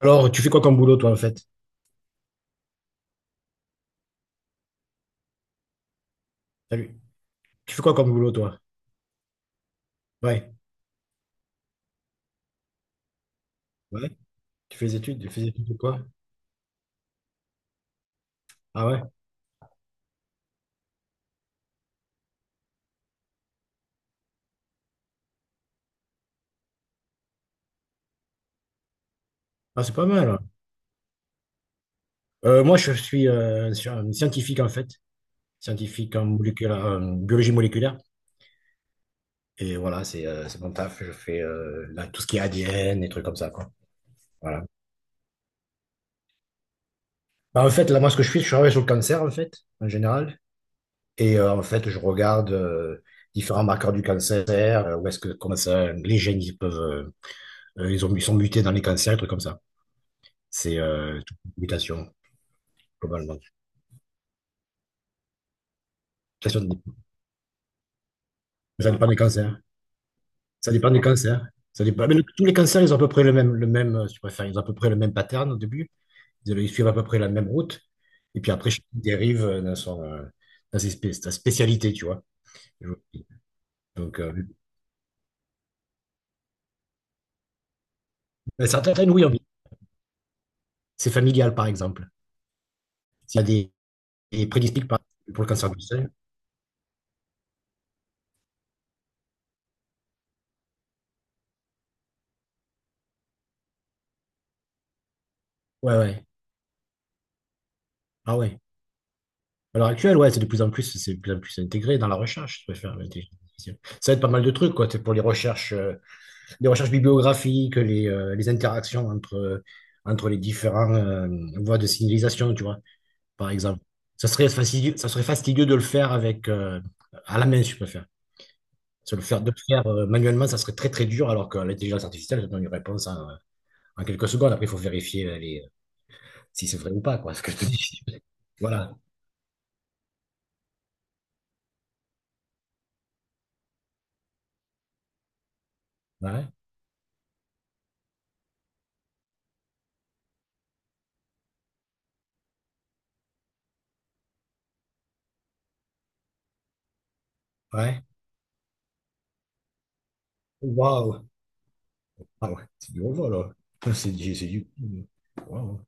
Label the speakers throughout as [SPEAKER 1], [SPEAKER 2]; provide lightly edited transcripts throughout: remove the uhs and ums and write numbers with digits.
[SPEAKER 1] Alors, tu fais quoi comme boulot, toi, en fait? Salut. Tu fais quoi comme boulot, toi? Ouais. Ouais. Tu fais des études? Tu fais des études de quoi? Ah ouais? Ah, c'est pas mal, hein. Moi, je suis un scientifique, en fait. Scientifique en en biologie moléculaire. Et voilà, c'est mon taf. Je fais là, tout ce qui est ADN, et trucs comme ça, quoi. Voilà. Bah, en fait, là, moi, ce que je fais, je travaille sur le cancer, en fait, en général. Et en fait, je regarde différents marqueurs du cancer, où est-ce que, comment ça, les gènes, ils peuvent, ils sont mutés dans les cancers, des trucs comme ça. C'est toute complication, globalement. Complication de- Ça dépend des cancers. Ça dépend des cancers. Ça dépend. Mais tous les cancers, ils ont à peu près le même, si tu préfères, ils ont à peu près le même pattern au début. Ils suivent à peu près la même route. Et puis après, chacun dérive dans sa spécialité, tu vois. Donc, mais certaines, oui, on dit. C'est familial, par exemple. S'il y a des prédispositions pour le cancer du sein. Ouais, ouais. Ah ouais. À l'heure actuelle, ouais, c'est de plus en plus, c'est de plus en plus intégré dans la recherche, je préfère l'intelligence artificielle. Ça aide pas mal de trucs, quoi. C'est pour les recherches bibliographiques, les interactions entre les différents voies de signalisation, tu vois, par exemple. Ça serait fastidieux de le faire avec à la main, je préfère. De le faire manuellement, ça serait très très dur, alors que l'intelligence artificielle, ça donne une réponse en quelques secondes. Après, il faut vérifier si c'est vrai ou pas, quoi, ce que je te dis. Voilà. Ouais. Ouais. Waouh. Ah ouais, c'est du revoir là. C'est du. c'est du- Waouh.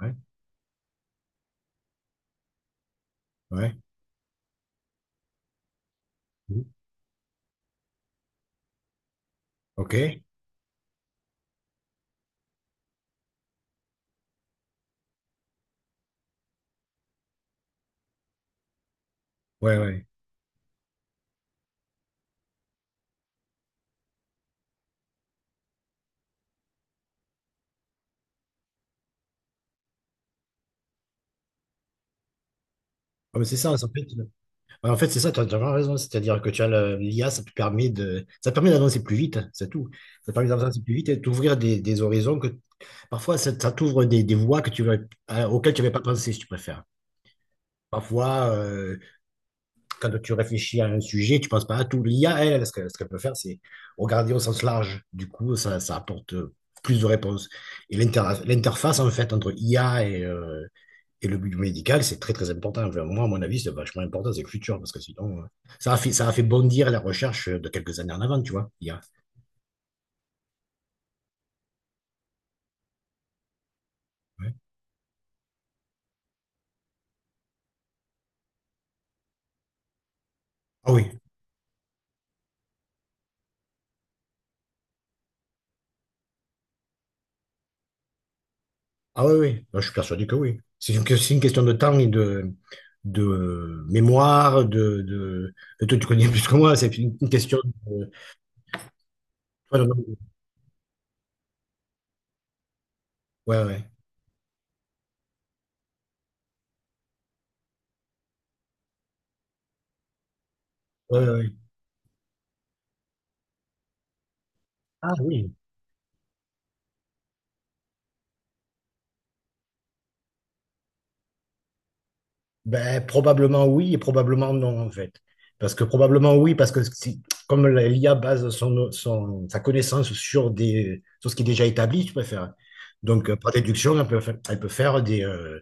[SPEAKER 1] Ouais, ouais. Mhm. Ok. Ouais, ouais. Ah, mais c'est ça, en fait, ouais, en fait c'est ça, tu as vraiment raison. C'est-à-dire que tu as l'IA, ça te permet ça te permet d'avancer plus vite, c'est tout. Ça te permet d'avancer plus vite et d'ouvrir des horizons que parfois ça t'ouvre des voies que auxquelles tu n'avais pas pensé, si tu préfères. Parfois, quand tu réfléchis à un sujet, tu ne penses pas à tout. L'IA, elle, ce qu'elle peut faire, c'est regarder au sens large. Du coup, ça apporte plus de réponses. Et l'interface, en fait, entre IA et le milieu médical, c'est très, très important. Enfin, moi, à mon avis, c'est vachement important, c'est le futur, parce que ça a fait bondir la recherche de quelques années en avant, tu vois, l'IA. Ouais. Ah oui, ah oui, oui, moi, je suis persuadé que oui. C'est une question de temps de mémoire. Toi, tu connais plus que moi, c'est une question de. Ouais, ouais. Ouais, ouais, ouais. Ah oui. Ben, probablement oui et probablement non, en fait. Parce que probablement oui, parce que si- comme l'IA base sa connaissance sur ce qui est déjà établi, tu préfères. Donc, par déduction, elle peut faire des, euh,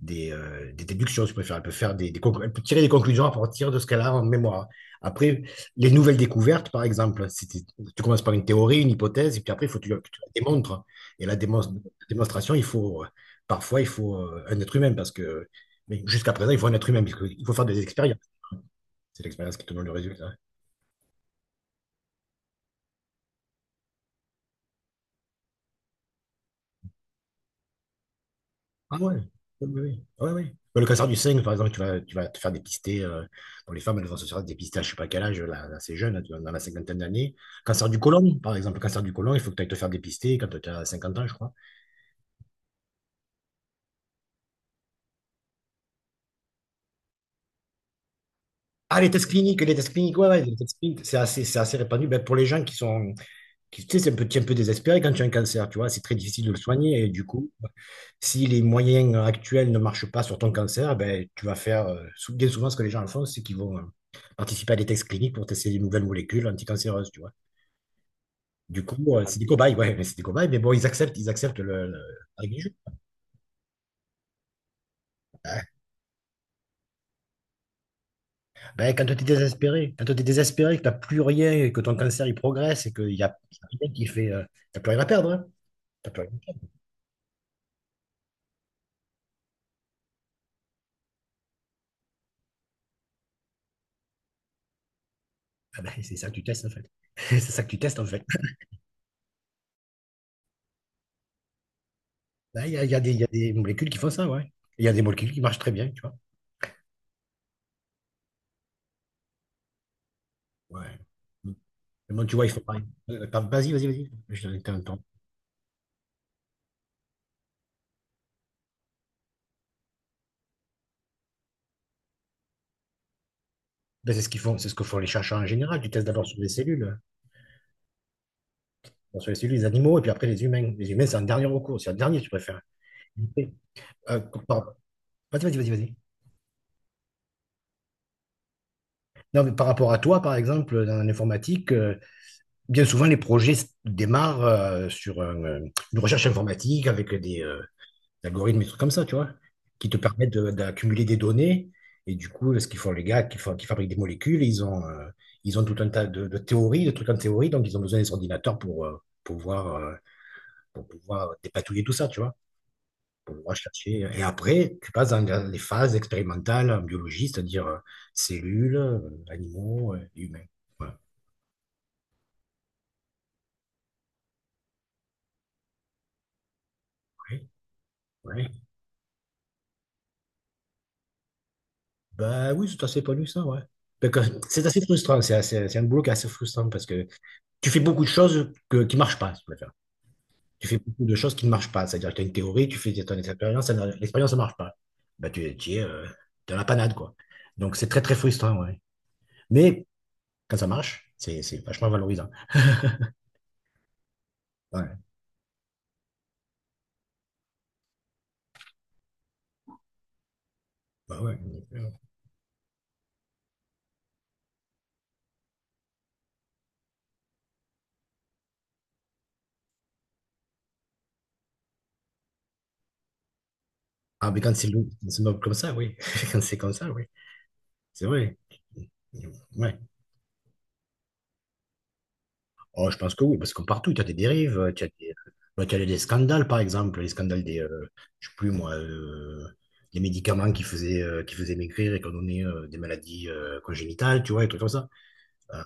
[SPEAKER 1] des, euh, des déductions, si vous préférez. Elle peut tirer des conclusions à partir de ce qu'elle a en mémoire. Après, les nouvelles découvertes, par exemple, si tu commences par une théorie, une hypothèse, et puis après, il faut que tu la démontres. Et la démonstration, parfois, il faut un être humain, parce que mais jusqu'à présent, il faut un être humain, parce qu'il faut faire des expériences. C'est l'expérience qui te donne le résultat. Ah ouais, oui, oui, oui. Ouais, ouais. Oui. Bah, le cancer du sein, par exemple, tu vas te faire dépister, pour les femmes, elles vont se faire dépister à je sais pas quel âge, là, c'est jeune, là, tu vois, dans la cinquantaine d'années. Cancer du côlon, par exemple, le cancer du côlon, il faut que tu ailles te faire dépister quand tu as 50 ans, je crois. Ah, les tests cliniques, ouais, ouais, les tests cliniques, c'est assez répandu. Ben, pour les gens qui, tu sais, c'est un peu désespéré quand tu as un cancer, tu vois, c'est très difficile de le soigner, et du coup, si les moyens actuels ne marchent pas sur ton cancer, eh ben, bien souvent, ce que les gens font, c'est qu'ils vont participer à des tests cliniques pour tester des nouvelles molécules anticancéreuses, tu vois. Du coup, c'est des cobayes, ouais, mais c'est des cobayes, mais bon, ils acceptent la règle du jeu. Ouais. Ben, quand tu es désespéré, que tu n'as plus rien et que ton cancer, il progresse et qu'il y a rien qui fait, t'as plus rien à perdre, hein. T'as plus rien à perdre. Ah ben, c'est ça que tu testes, en fait. C'est ça que tu testes, en fait. Ben, il y a des molécules qui font ça, ouais. Il y a des molécules qui marchent très bien, tu vois. Ouais. Mais bon, tu vois, il faut pas. Pardon, vas-y, vas-y, vas-y. Ben, c'est ce qu'ils font, c'est ce que font les chercheurs en général. Tu testes d'abord sur les cellules, les animaux, et puis après les humains. Les humains, c'est un dernier recours, c'est un dernier, tu préfères. Euh, par- Vas-y, vas-y, vas-y, vas-y. Non, mais par rapport à toi, par exemple, dans l'informatique, bien souvent, les projets démarrent une recherche informatique avec algorithmes, et trucs comme ça, tu vois, qui te permettent d'accumuler des données. Et du coup, ce qu'ils font, les gars, qui fabriquent des molécules, ils ont tout un tas de théories, de trucs en théorie, donc ils ont besoin des ordinateurs pour pouvoir, euh, pour pouvoir dépatouiller tout ça, tu vois, pour pouvoir chercher. Et après, tu passes dans les phases expérimentales en biologie, c'est-à-dire cellules, animaux, et humains. Voilà. Ouais. Ouais. Bah oui, c'est assez pas lu ça, ouais. Donc, c'est assez frustrant, c'est un boulot qui est assez frustrant parce que tu fais beaucoup de choses qui ne marchent pas, si tu préfères. Tu fais beaucoup de choses qui ne marchent pas. C'est-à-dire que tu as une théorie, tu fais ton expérience, ça ne- l'expérience ne marche pas. Bah, tu es dans la panade, quoi. Donc, c'est très, très frustrant, ouais. Mais quand ça marche, c'est vachement valorisant. Ouais. Bah ouais. Ah, mais quand c'est noble comme ça, oui. Quand c'est comme ça, oui. C'est vrai. Ouais. Oh, je pense que oui, parce que partout, tu as des dérives, bah, tu as des scandales, par exemple, je sais plus moi, les médicaments qui faisaient maigrir et qui ont donné des maladies congénitales, tu vois, et trucs comme ça. Euh,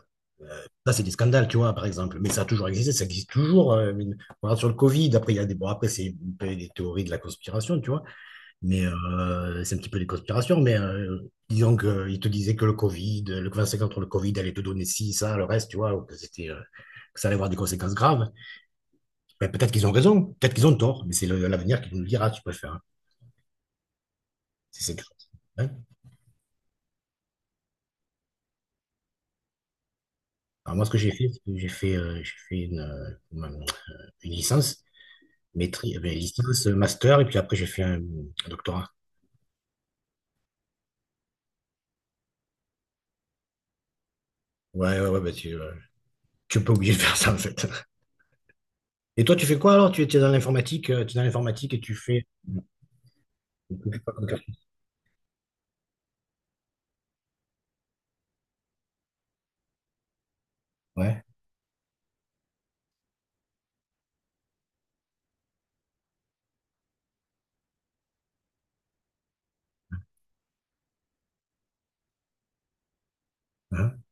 [SPEAKER 1] Ça, c'est des scandales, tu vois, par exemple, mais ça a toujours existé, ça existe toujours. On regarde sur le Covid, après, il y a bon, après, c'est un peu des théories de la conspiration, tu vois, c'est un petit peu des conspirations, disons qu'ils te disaient que le Covid, le vaccin contre le Covid allait te donner ci, ça, le reste, tu vois, que ça allait avoir des conséquences graves. Ben, peut-être qu'ils ont raison, peut-être qu'ils ont tort, mais c'est l'avenir qui nous le dira, tu peux faire, hein, si c'est grave. Hein. Alors moi, ce que j'ai fait, c'est j'ai fait une licence, master, et puis après j'ai fait un doctorat. Ouais, ouais, ouais, ben, tu es pas obligé de faire ça, en fait. Et toi, tu fais quoi alors? Tu es tu es dans l'informatique et tu fais. Ouais. Hein,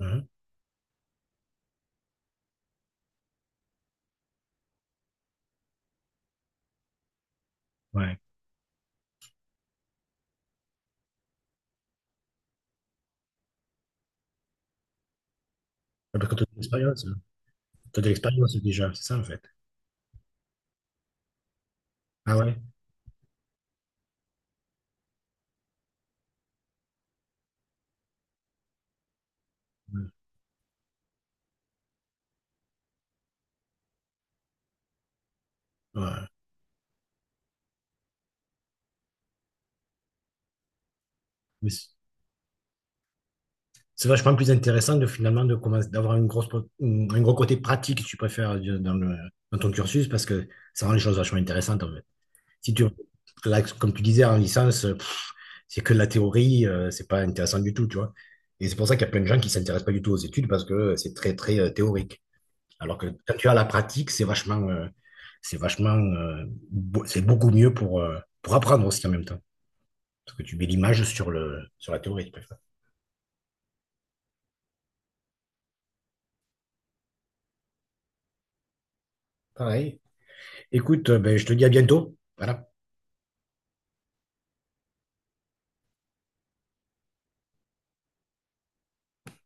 [SPEAKER 1] hein, ouais. Ah, parce que t'as de l'expérience, hein. T'as de l'expérience déjà, c'est ça en fait. Ah ouais. Ouais. Ouais. Mais c'est vachement plus intéressant de finalement de commencer d'avoir un gros côté pratique, si tu préfères, dans ton cursus, parce que ça rend les choses vachement intéressantes en fait. Si tu là, comme tu disais en licence, c'est que de la théorie, c'est pas intéressant du tout, tu vois. Et c'est pour ça qu'il y a plein de gens qui s'intéressent pas du tout aux études parce que c'est très très théorique. Alors que quand tu as la pratique, c'est vachement, euh, c'est beaucoup mieux pour apprendre aussi en même temps. Parce que tu mets l'image sur la théorie, tu préfères. Pareil. Écoute, ben, je te dis à bientôt. Voilà.